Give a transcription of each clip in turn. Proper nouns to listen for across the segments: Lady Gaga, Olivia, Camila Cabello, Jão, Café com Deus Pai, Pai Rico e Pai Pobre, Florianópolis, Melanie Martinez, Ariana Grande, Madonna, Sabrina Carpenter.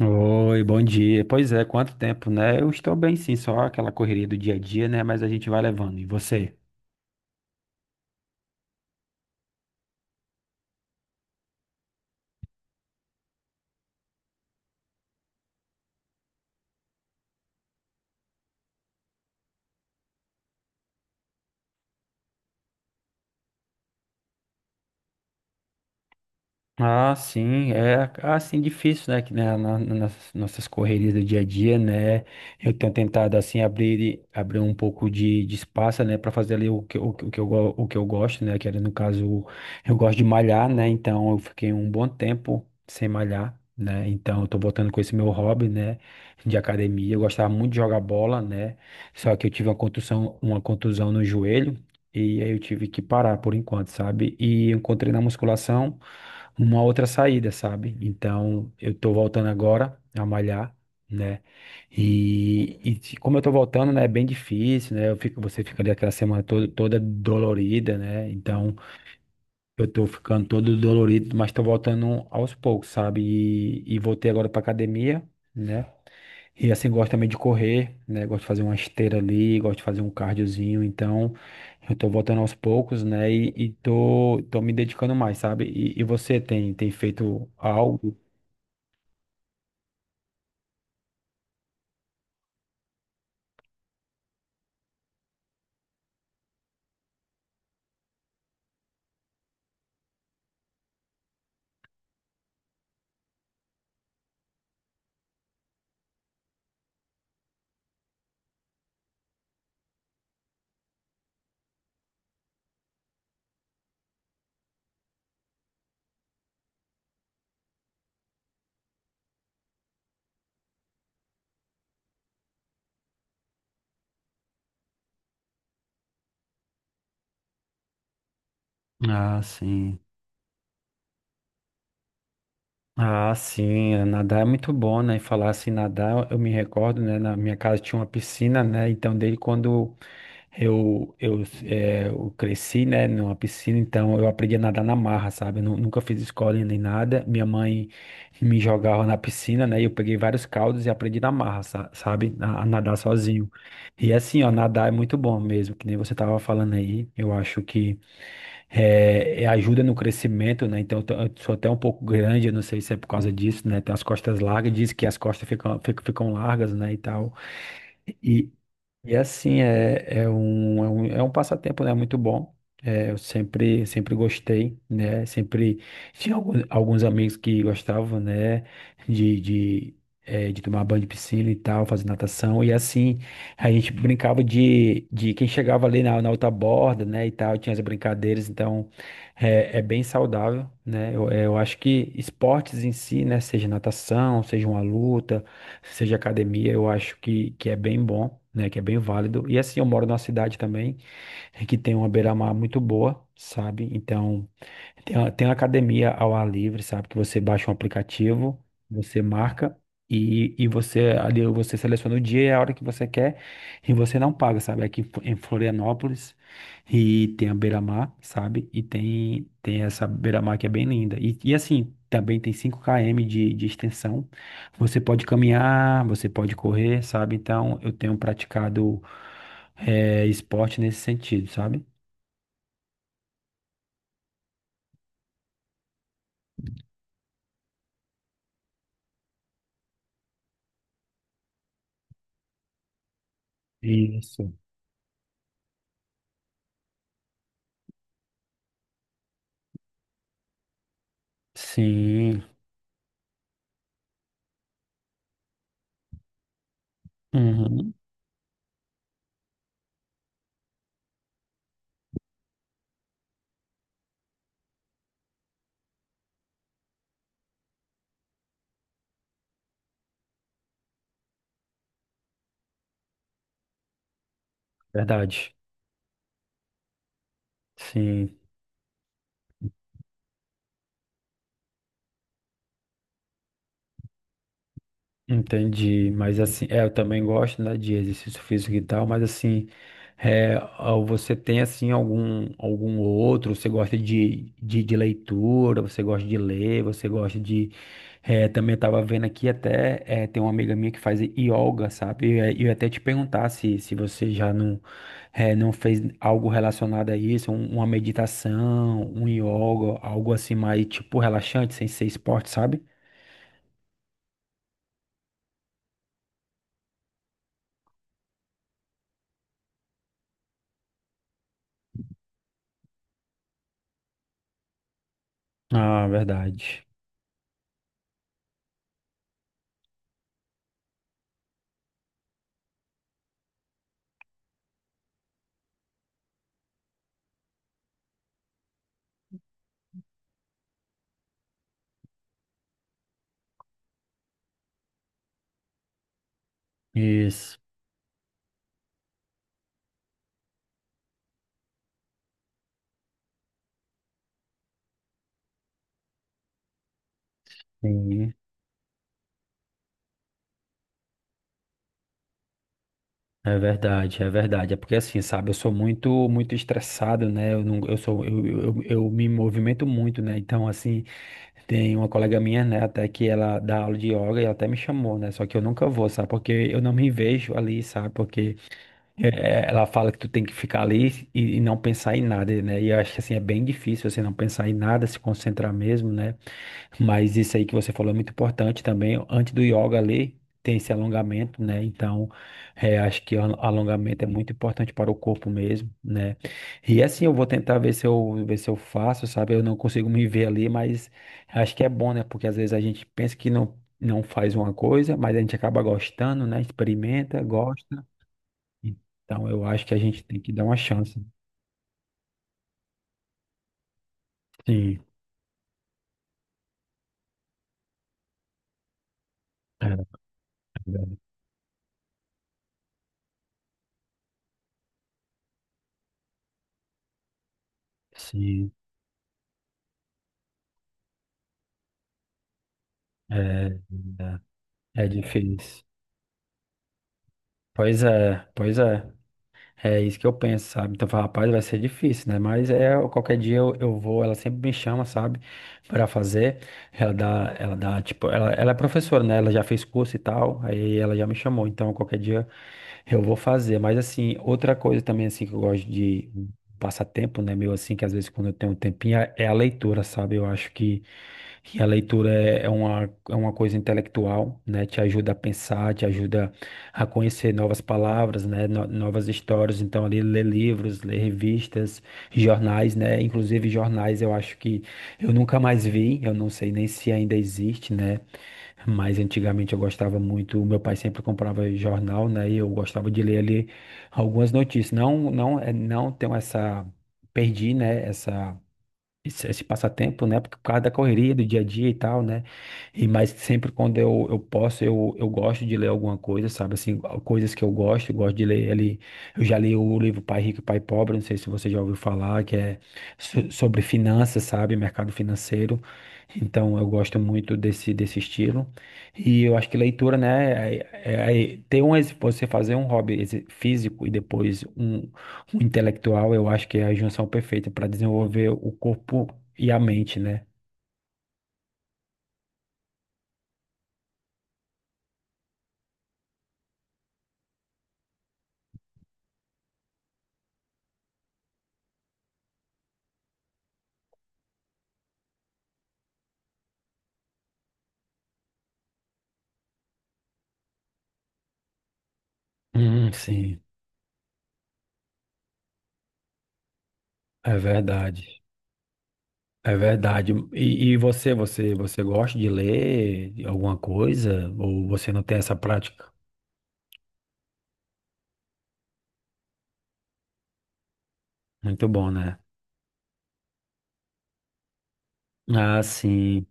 Oi, bom dia. Pois é, quanto tempo, né? Eu estou bem sim, só aquela correria do dia a dia, né? Mas a gente vai levando. E você? Ah, sim, é assim difícil, né, que, né, na- na- nas nossas correrias do dia a dia, né, eu tenho tentado assim abrir um pouco de espaço, né, para fazer ali o que, o, que o que eu go- o que eu gosto, né, que era no caso eu gosto de malhar, né, então eu fiquei um bom tempo sem malhar, né, então eu tô voltando com esse meu hobby, né, de academia. Eu gostava muito de jogar bola, né, só que eu tive uma contusão no joelho. E aí eu tive que parar por enquanto, sabe? E eu encontrei na musculação uma outra saída, sabe? Então eu tô voltando agora a malhar, né? Como eu tô voltando, né? É bem difícil, né? Você fica ali aquela semana toda, toda dolorida, né? Então eu tô ficando todo dolorido, mas tô voltando aos poucos, sabe? E voltei agora pra academia, né? E assim, gosto também de correr, né? Gosto de fazer uma esteira ali, gosto de fazer um cardiozinho. Então, eu tô voltando aos poucos, né? Tô me dedicando mais, sabe? E você tem feito algo? Ah, sim. Ah, sim, é, nadar é muito bom, né? E falar assim, nadar, eu me recordo, né? Na minha casa tinha uma piscina, né? Então, desde quando eu cresci, né? Numa piscina, então eu aprendi a nadar na marra, sabe? Nunca fiz escola nem nada. Minha mãe que me jogava na piscina, né? E eu peguei vários caldos e aprendi na marra, sabe? A nadar sozinho. E é assim, ó, nadar é muito bom mesmo, que nem você tava falando aí. Eu acho que é ajuda no crescimento, né? Então, eu sou até um pouco grande, eu não sei se é por causa disso, né? Tem as costas largas, diz que as costas ficam largas, né? E tal. E assim, é um passatempo, né? Muito bom. É, sempre gostei, né? Sempre tinha alguns amigos que gostavam, né? De, de, de tomar banho de piscina e tal, fazer natação. E assim, a gente brincava de quem chegava ali na outra borda, né? E tal, tinha as brincadeiras. Então, é, é bem saudável, né? Eu, é, eu acho que esportes em si, né? Seja natação, seja uma luta, seja academia, eu acho que é bem bom, né? Que é bem válido. E assim, eu moro numa cidade também que tem uma beira-mar muito boa, sabe? Então. Tem uma academia ao ar livre, sabe? Que você baixa um aplicativo, você marca e você ali você seleciona o dia e a hora que você quer e você não paga, sabe? Em Florianópolis e tem a Beira-Mar, sabe? Tem essa Beira-Mar que é bem linda. E assim, também tem 5 km de extensão. Você pode caminhar, você pode correr, sabe? Então eu tenho praticado esporte nesse sentido, sabe? Isso. Sim. Uhum. Verdade. Sim, entendi. Mas assim, é, eu também gosto, né, de exercício físico e tal, mas assim, é, ao- você tem assim algum outro, você gosta de leitura, você gosta de ler, você gosta de é, também estava vendo aqui até é, tem uma amiga minha que faz yoga, sabe? E eu ia até te perguntar se você já não é, não fez algo relacionado a isso, uma meditação, um yoga, algo assim mais tipo relaxante, sem ser esporte, sabe? Ah, verdade. Isso. Sim. É verdade, é verdade. É porque assim, sabe, eu sou muito, muito estressado, né? Eu não, eu sou, eu me movimento muito, né? Então, assim, tem uma colega minha, né, até que ela dá aula de yoga e ela até me chamou, né? Só que eu nunca vou, sabe? Porque eu não me vejo ali, sabe? Porque é, ela fala que tu tem que ficar ali e não pensar em nada, né? E eu acho que assim, é bem difícil você não pensar em nada, se concentrar mesmo, né? Mas isso aí que você falou é muito importante também. Antes do yoga ali, tem esse alongamento, né? Então, é, acho que o alongamento é muito importante para o corpo mesmo, né? E assim, eu vou tentar ver se eu faço, sabe? Eu não consigo me ver ali, mas acho que é bom, né? Porque às vezes a gente pensa que não, não faz uma coisa, mas a gente acaba gostando, né? Experimenta, gosta. Então, eu acho que a gente tem que dar uma chance. Sim, é, sim, é, é é difícil. Pois é, pois é. É isso que eu penso, sabe? Então, eu falo, rapaz, vai ser difícil, né? Mas é, qualquer dia eu vou, ela sempre me chama, sabe? Pra fazer. Ela dá, tipo, ela é professora, né? Ela já fez curso e tal, aí ela já me chamou. Então, qualquer dia eu vou fazer, mas assim, outra coisa também assim que eu gosto de passar tempo, né, meu, assim, que às vezes quando eu tenho um tempinho é é a leitura, sabe? Eu acho que a leitura é uma coisa intelectual, né? Te ajuda a pensar, te ajuda a conhecer novas palavras, né? Novas histórias. Então, ali, ler livros, ler revistas, jornais, né? Inclusive jornais, eu acho que eu nunca mais vi, eu não sei nem se ainda existe, né? Mas antigamente eu gostava muito, meu pai sempre comprava jornal, né? E eu gostava de ler ali algumas notícias. Não, não, não tenho essa, perdi, né? Essa Esse, esse passatempo, né? Porque por causa da correria do dia a dia e tal, né? Eu posso, eu gosto de ler alguma coisa, sabe? Assim, coisas que eu gosto de ler ali. Eu já li o livro Pai Rico e Pai Pobre, não sei se você já ouviu falar, que é sobre finanças, sabe? Mercado financeiro. Então, eu gosto muito desse estilo. E eu acho que leitura, né? É ter um, você fazer um hobby físico e depois um o intelectual, eu acho que é a junção perfeita para desenvolver o corpo e a mente, né? Sim, é verdade. É verdade. E você, você gosta de ler alguma coisa? Ou você não tem essa prática? Muito bom, né? Ah, sim.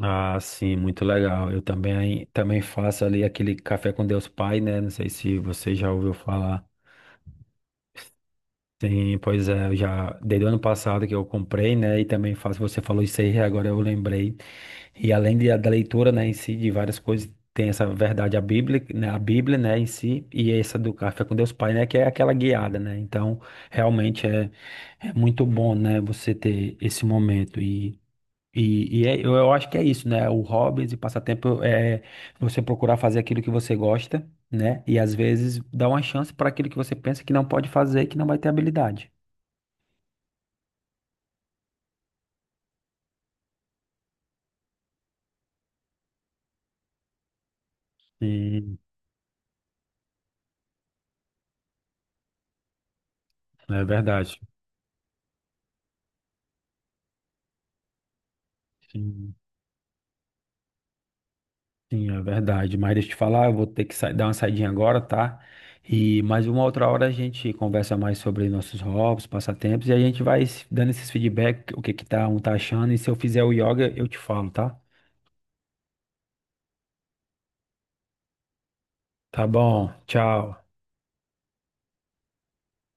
Ah, sim, muito legal. Eu também, também faço ali aquele café com Deus Pai, né? Não sei se você já ouviu falar. Sim, pois é, eu já desde o ano passado que eu comprei, né? E também faço, você falou isso aí, agora eu lembrei. E além de, da leitura, né, em si, de várias coisas, tem essa verdade, a Bíblia, né, em si, e essa do Café com Deus Pai, né, que é aquela guiada, né? Então, realmente é, é muito bom, né, você ter esse momento. Eu acho que é isso, né? O hobbies e passatempo é você procurar fazer aquilo que você gosta, né? E às vezes dar uma chance para aquilo que você pensa que não pode fazer, e que não vai ter habilidade. Sim, é verdade. Sim, sim, é verdade. Mas deixa eu te falar, eu vou ter que dar uma saidinha agora, tá? E mais uma outra hora a gente conversa mais sobre nossos hobbies, passatempos, e a gente vai dando esses feedback, o que que tá, um tá achando, e se eu fizer o yoga, eu te falo, tá? Tá bom, tchau.